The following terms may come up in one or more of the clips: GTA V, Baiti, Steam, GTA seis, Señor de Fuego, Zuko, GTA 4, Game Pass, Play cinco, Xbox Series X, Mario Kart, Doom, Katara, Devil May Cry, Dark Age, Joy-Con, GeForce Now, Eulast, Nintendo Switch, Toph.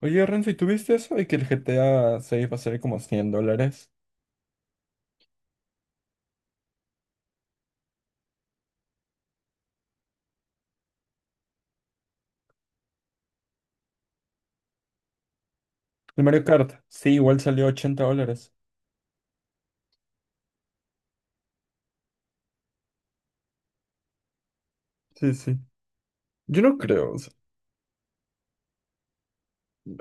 Oye, Renzo, ¿y tú viste eso de que el GTA 6 va a salir como $100? El Mario Kart, sí, igual salió $80. Sí, sí. Yo no creo. O sea,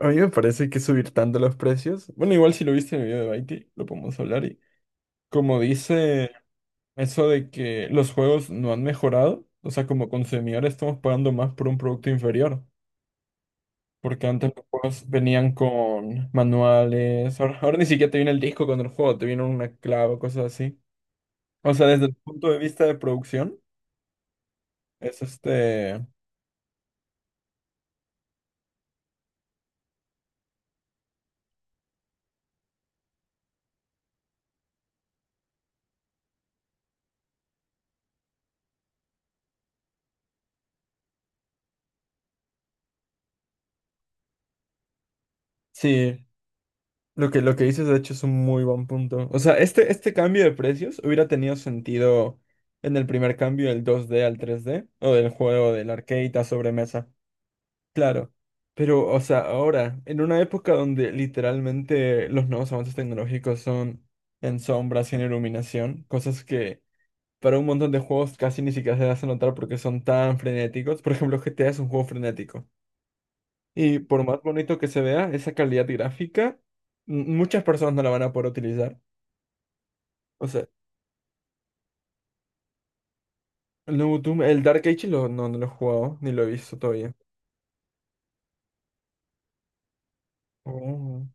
a mí me parece que subir tanto los precios. Bueno, igual si lo viste en el video de Baiti, lo podemos hablar. Y como dice eso de que los juegos no han mejorado, o sea, como consumidores estamos pagando más por un producto inferior. Porque antes los juegos venían con manuales. Ahora ni siquiera te viene el disco con el juego, te viene una clave, o cosas así. O sea, desde el punto de vista de producción. Es este. Sí, lo que dices de hecho es un muy buen punto. O sea, este cambio de precios hubiera tenido sentido en el primer cambio del dos d al tres d o del juego del arcade a sobremesa. Claro. Pero, o sea, ahora, en una época donde literalmente los nuevos avances tecnológicos son en sombras y en iluminación, cosas que para un montón de juegos casi ni siquiera se hacen notar porque son tan frenéticos. Por ejemplo, GTA es un juego frenético. Y por más bonito que se vea, esa calidad gráfica, muchas personas no la van a poder utilizar. O sea, el nuevo Doom, el Dark Age lo, no, no lo he jugado, ni lo he visto todavía. Oh,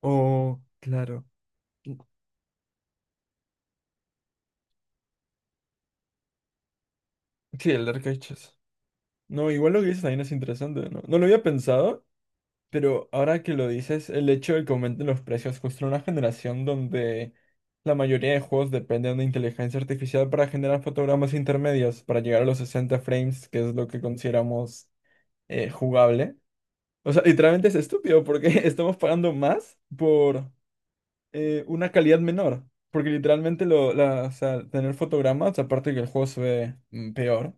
oh, claro. Sí, el Dark Age es- no, igual lo que dices también es interesante, ¿no? No lo había pensado, pero ahora que lo dices, el hecho de que aumenten los precios justo en una generación donde la mayoría de juegos dependen de inteligencia artificial para generar fotogramas intermedios, para llegar a los 60 frames, que es lo que consideramos jugable. O sea, literalmente es estúpido porque estamos pagando más por una calidad menor. Porque literalmente lo, la, o sea, tener fotogramas, aparte que el juego se ve peor,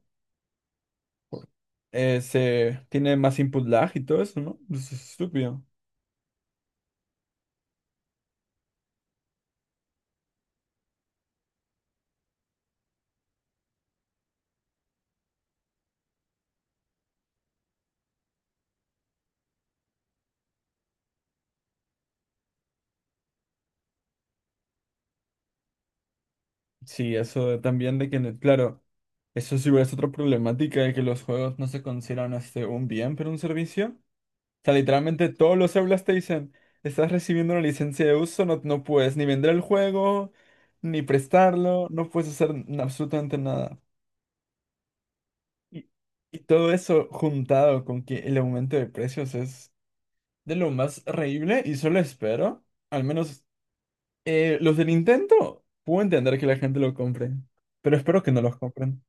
se tiene más input lag y todo eso, ¿no? Eso es estúpido. Sí, también de que, claro, eso sí es igual es otra problemática de que los juegos no se consideran este, un bien, pero un servicio. Sea, literalmente todos los Eulast te dicen, estás recibiendo una licencia de uso, no, no puedes ni vender el juego, ni prestarlo, no puedes hacer absolutamente nada. Y, y todo eso juntado con que el aumento de precios es de lo más reíble y solo espero, al menos los de Nintendo, puedo entender que la gente lo compre, pero espero que no los compren.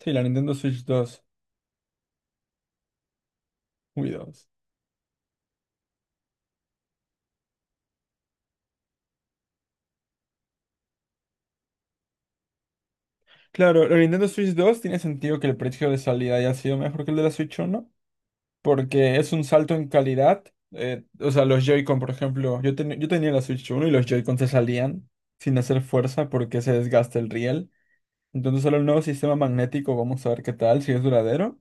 Sí, la Nintendo Switch 2, uy, 2. Claro, la Nintendo Switch 2 tiene sentido que el precio de salida haya sido mejor que el de la Switch 1, porque es un salto en calidad. O sea, los Joy-Con, por ejemplo, yo tenía la Switch 1 y los Joy-Con se salían sin hacer fuerza porque se desgasta el riel. Entonces, ahora el nuevo sistema magnético, vamos a ver qué tal, si es duradero.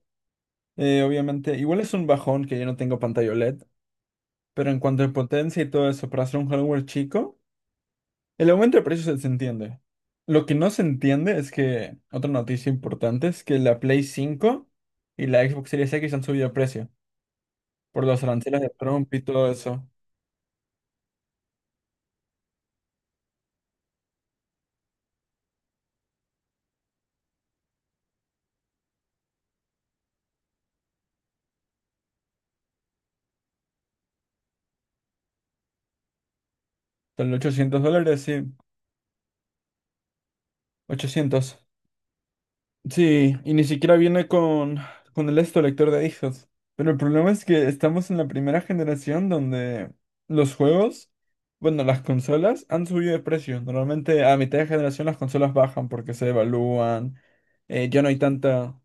Obviamente, igual es un bajón que yo no tengo pantalla OLED, pero en cuanto a potencia y todo eso, para hacer un hardware chico, el aumento de precios se entiende. Lo que no se entiende es que, otra noticia importante es que la Play cinco y la Xbox Series X han subido de precio por los aranceles de Trump y todo eso. Sale $800, sí. 800. Sí, y ni siquiera viene con el esto lector de discos. Pero el problema es que estamos en la primera generación donde los juegos, bueno, las consolas han subido de precio. Normalmente a mitad de generación las consolas bajan porque se devalúan. Ya no hay tanta.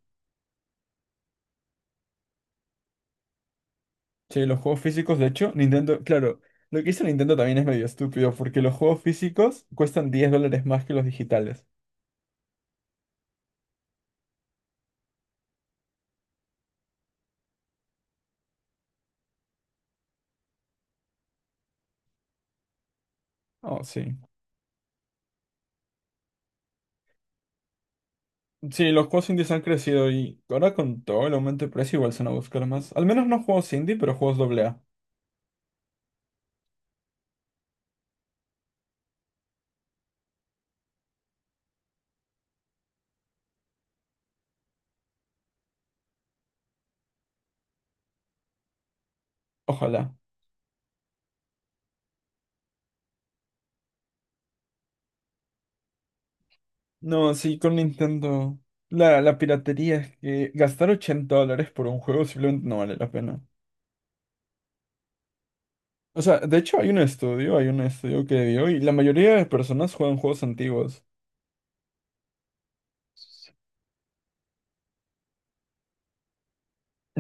Sí, los juegos físicos, de hecho, Nintendo, claro, lo que hizo Nintendo también es medio estúpido porque los juegos físicos cuestan $10 más que los digitales. Oh, sí. Sí, los juegos indies han crecido y ahora con todo el aumento de precio igual se van a buscar más. Al menos no juegos indie, pero juegos doble A. Ojalá. No, sí, con Nintendo. La piratería es que gastar $80 por un juego simplemente no vale la pena. O sea, de hecho hay un estudio que dio y la mayoría de personas juegan juegos antiguos.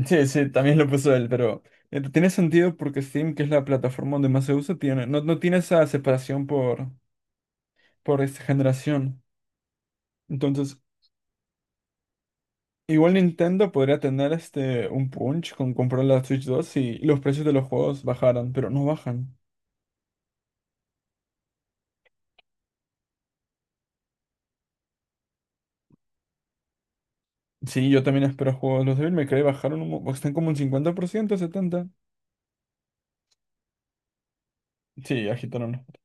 Sí, sí, también lo puso él, pero tiene sentido porque Steam, que es la plataforma donde más se usa, tiene, no, no tiene esa separación por esta generación. Entonces, igual Nintendo podría tener este un punch con comprar la Switch 2 si los precios de los juegos bajaran, pero no bajan. Sí, yo también espero juegos. Los Devil May Cry bajaron están como un 50%, 70%. Sí, agitaron precios.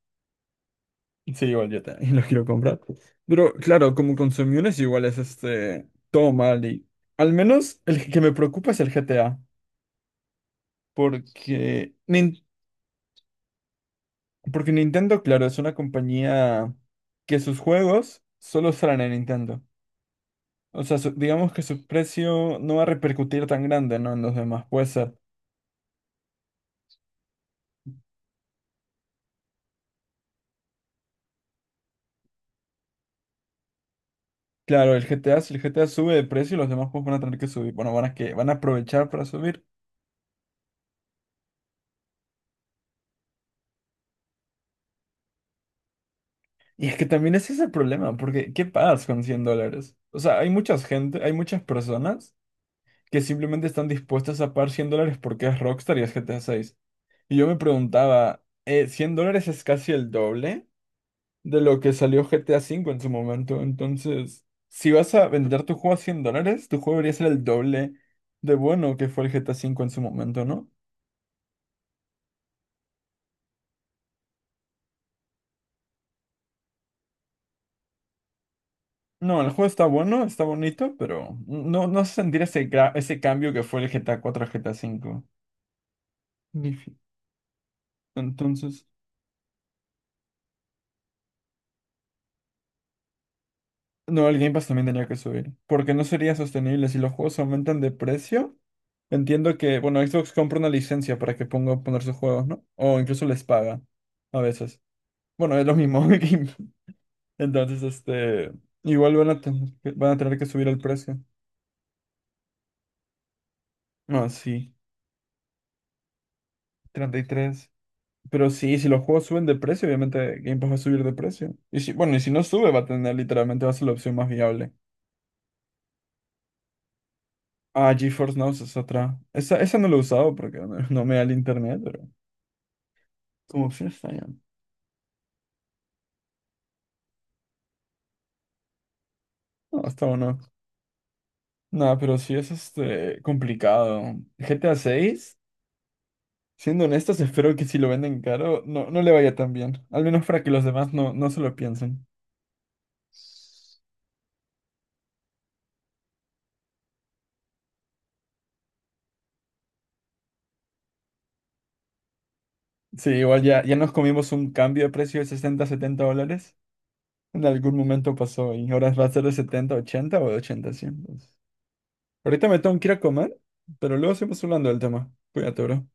Sí, igual yo también los quiero comprar. Pero claro, como consumidores igual es este todo mal y al menos el que me preocupa es el GTA, porque Nin- porque Nintendo, claro, es una compañía que sus juegos solo salen en Nintendo. O sea, digamos que su precio no va a repercutir tan grande, ¿no? En los demás. Puede ser. Claro, el GTA, si el GTA sube de precio, los demás juegos van a tener que subir. Bueno, van a aprovechar para subir. Y es que también ese es el problema, porque ¿qué pagas con $100? O sea, hay mucha gente, hay muchas personas que simplemente están dispuestas a pagar $100 porque es Rockstar y es GTA 6. Y yo me preguntaba, ¿$100 es casi el doble de lo que salió GTA V en su momento? Entonces, si vas a vender tu juego a $100, tu juego debería ser el doble de bueno que fue el GTA V en su momento, ¿no? No, el juego está bueno, está bonito, pero no, no se sentir ese, ese cambio que fue el GTA 4 a GTA V. Difí-. Entonces, no, el Game Pass también tenía que subir, porque no sería sostenible si los juegos aumentan de precio. Entiendo que, bueno, Xbox compra una licencia para que ponga poner sus juegos, ¿no? O incluso les paga a veces. Bueno, es lo mismo. Game-. Entonces, este, igual van a, van a tener que subir el precio. Ah, sí, 33. Pero sí, si los juegos suben de precio, obviamente Game Pass va a subir de precio. Y si, bueno, y si no sube, va a tener literalmente, va a ser la opción más viable. Ah, GeForce Now esa es otra. Esa no la he usado porque no, no me da el internet, pero como opción está bien. No, está bueno. Nada, pero sí es este complicado. GTA 6, siendo honestos, espero que si lo venden caro, no, no le vaya tan bien. Al menos para que los demás no, no se lo piensen. Sí, igual ya, ya nos comimos un cambio de precio de 60 70 dólares. En algún momento pasó y ahora va a ser de 70 80 o de 80, 100. Ahorita me tengo que ir a comer, pero luego seguimos hablando del tema. Cuídate, bro.